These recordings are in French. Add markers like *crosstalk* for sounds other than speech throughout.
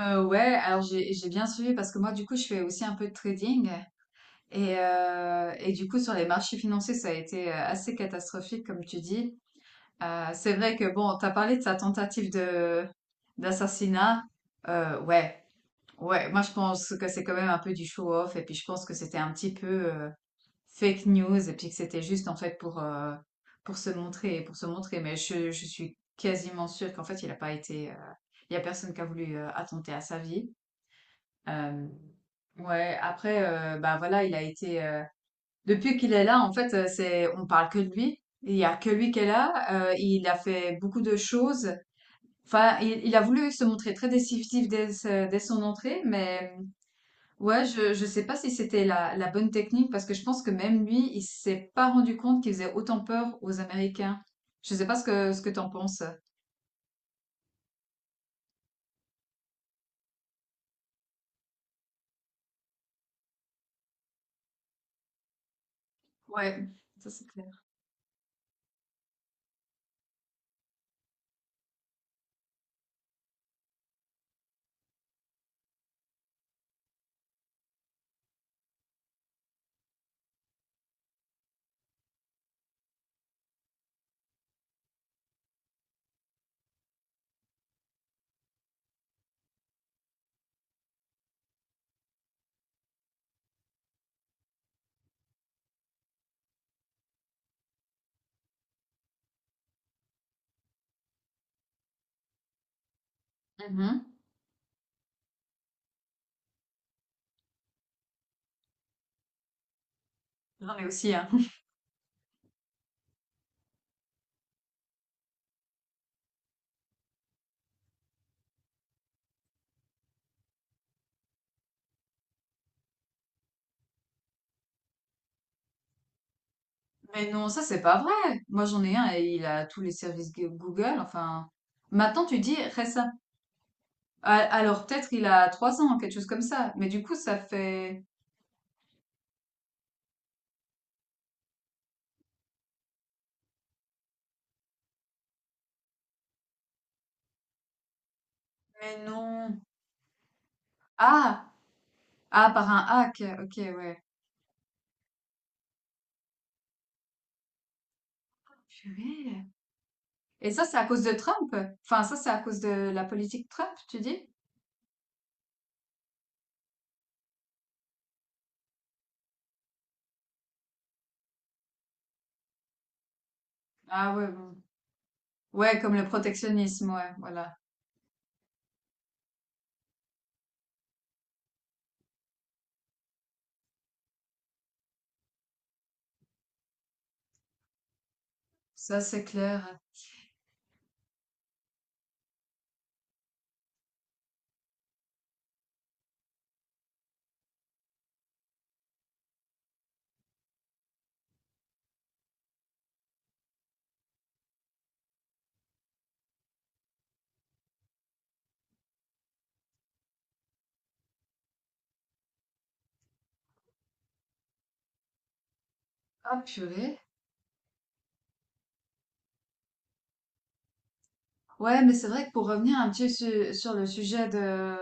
Ouais, alors j'ai bien suivi parce que moi du coup je fais aussi un peu de trading et du coup sur les marchés financiers ça a été assez catastrophique comme tu dis. C'est vrai que bon, t'as parlé de sa tentative de d'assassinat. Euh, ouais, ouais, moi je pense que c'est quand même un peu du show-off et puis je pense que c'était un petit peu fake news et puis que c'était juste en fait pour se montrer. Mais je suis quasiment sûre qu'en fait il a pas été, il y a personne qui a voulu attenter à sa vie. Euh, ouais, après, bah voilà, il a été. Depuis qu'il est là, en fait, c'est on parle que de lui. Il y a que lui qui est là. Il a fait beaucoup de choses. Enfin, il a voulu se montrer très décisif dès son entrée, mais ouais, je sais pas si c'était la bonne technique parce que je pense que même lui, il s'est pas rendu compte qu'il faisait autant peur aux Américains. Je sais pas ce que t'en penses. Ouais, ça c'est clair. Mhm. J'en ai aussi, hein. Mais non, ça c'est pas vrai. Moi j'en ai un et il a tous les Google. Enfin, maintenant tu dis récent. Ah, alors peut-être il a trois ans, quelque chose comme ça. Mais du coup ça fait. Mais non. Ah, ah par un hack. Ok, ouais. Purée. Et ça c'est à cause de Trump. Enfin ça c'est à cause de la politique Trump, tu dis? Ah ouais, bon. Ouais, comme le protectionnisme, ouais, voilà. Ça c'est clair. Ah purée. Ouais, mais c'est vrai que pour revenir un sur le sujet de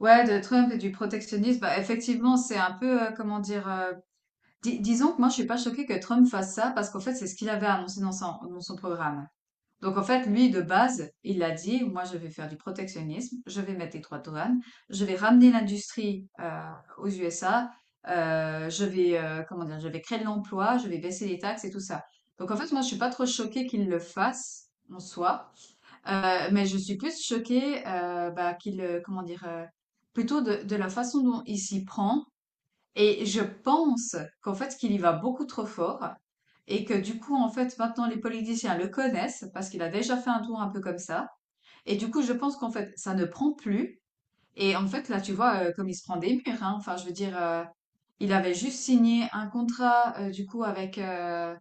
ouais, de Trump et du protectionnisme, bah, effectivement, c'est un peu, comment dire, disons que moi, je suis pas choquée que Trump fasse ça parce qu'en fait, c'est ce qu'il avait annoncé dans son programme. Donc, en fait, lui, de base, il a dit, moi, je vais faire du protectionnisme, je vais mettre des droits de douane, je vais ramener l'industrie aux USA, je vais, comment dire, je vais créer de l'emploi, je vais baisser les taxes et tout ça. Donc, en fait, moi, je suis pas trop choquée qu'il le fasse en soi. Mais je suis plus choquée, bah, comment dire? Plutôt de la façon dont il s'y prend et je pense qu'en fait, qu'il y va beaucoup trop fort et que du coup, en fait, maintenant les politiciens le connaissent parce qu'il a déjà fait un tour un peu comme ça et du coup, je pense qu'en fait, ça ne prend plus et en fait, là, tu vois, comme il se prend des murs, hein. Enfin, je veux dire, il avait juste signé un contrat, du coup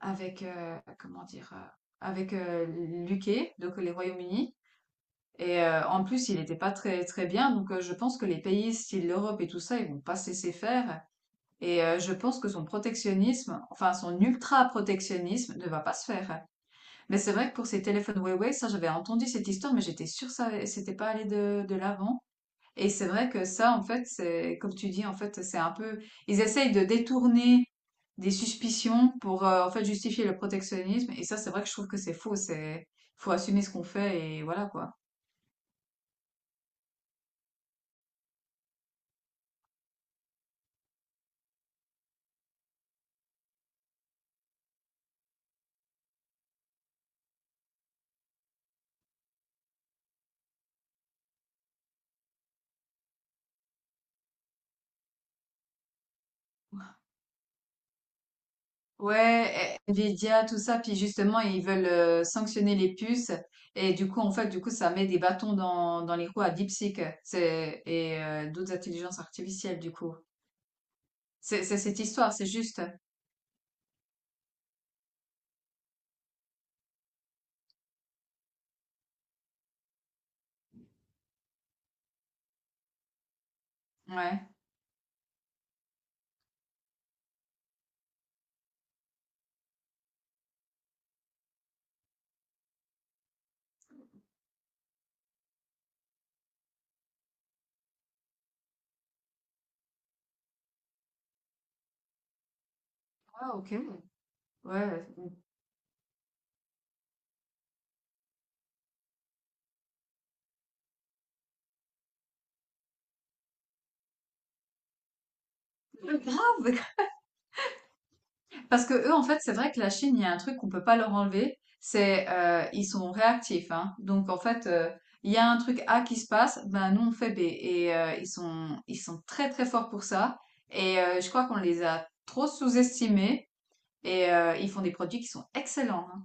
avec, comment dire? Avec, heu, l'UK, donc les Royaumes-Unis. Et en plus, il n'était pas très très bien, donc je pense que les pays style l'Europe et tout ça, ils vont pas cesser faire. Et je pense que son protectionnisme, enfin son ultra-protectionnisme, ne va pas se faire. Mais c'est vrai que pour ces téléphones Huawei, ça j'avais entendu cette histoire, mais j'étais sûre que ça c'était pas allé de l'avant. Et c'est vrai que ça, en fait, c'est comme tu dis, en fait, c'est un peu, ils essayent de détourner des suspicions pour en fait justifier le protectionnisme. Et ça, c'est vrai que je trouve que c'est faux. C'est Faut assumer ce qu'on fait et voilà quoi. Ouais, eh, Nvidia, tout ça, puis justement, ils veulent sanctionner les puces. Et du coup, en fait, du coup, ça met des bâtons dans les roues à DeepSeek c'est, et d'autres intelligences artificielles, du coup. C'est cette histoire, c'est juste. Ouais. Ah, ok. Ouais. *laughs* Grave. Parce que eux, en fait, c'est vrai que la Chine, il y a un truc qu'on peut pas leur enlever, c'est ils sont réactifs, hein. Donc en fait, il y a un truc A qui se passe, ben nous on fait B. Et ils sont très très forts pour ça. Et je crois qu'on les a trop sous-estimés. Et ils font des produits qui sont excellents, hein.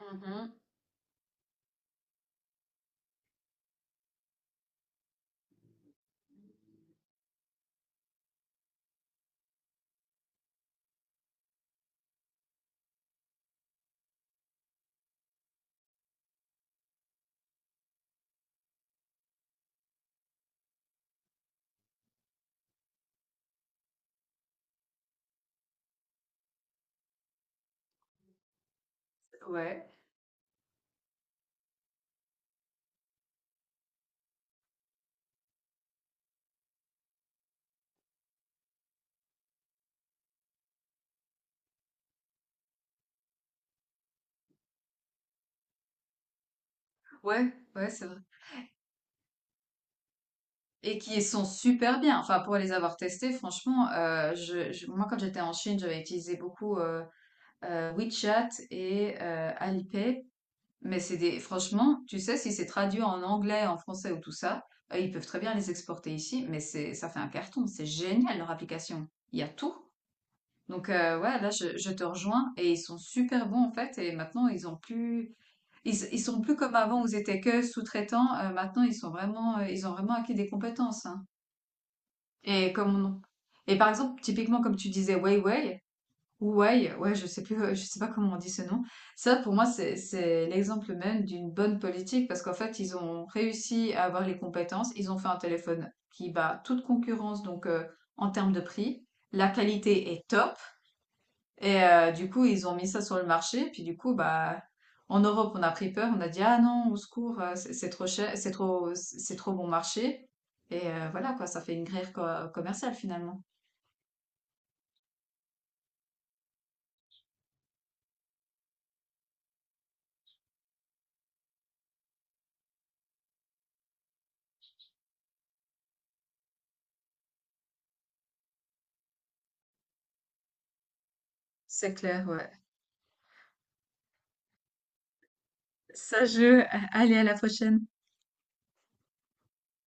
Mhm. Ouais, ouais, c'est vrai. Et qui sont super bien. Enfin, pour les avoir testés, franchement, moi, quand j'étais en Chine, j'avais utilisé beaucoup WeChat et Alipay. Mais c'est des... Franchement, tu sais, si c'est traduit en anglais, en français ou tout ça, ils peuvent très bien les exporter ici, mais ça fait un carton. C'est génial leur application. Il y a tout. Donc, ouais, là, je te rejoins. Et ils sont super bons, en fait. Et maintenant, ils ont plus... Ils sont plus comme avant où ils étaient que sous-traitants. Maintenant, ils sont vraiment... ils ont vraiment acquis des compétences, hein. Et Et par exemple, typiquement, comme tu disais, Weiwei, ouais, ouais, je sais plus, je sais pas comment on dit ce nom. Ça, pour moi, c'est l'exemple même d'une bonne politique parce qu'en fait, ils ont réussi à avoir les compétences. Ils ont fait un téléphone qui bat toute concurrence, donc en termes de prix. La qualité est top et du coup, ils ont mis ça sur le marché. Puis du coup, bah, en Europe, on a pris peur. On a dit: «Ah non, au secours, c'est trop cher, c'est trop bon marché» et voilà quoi, ça fait une guerre co commerciale finalement. C'est clair, ouais. Ça je, A Allez, à la prochaine.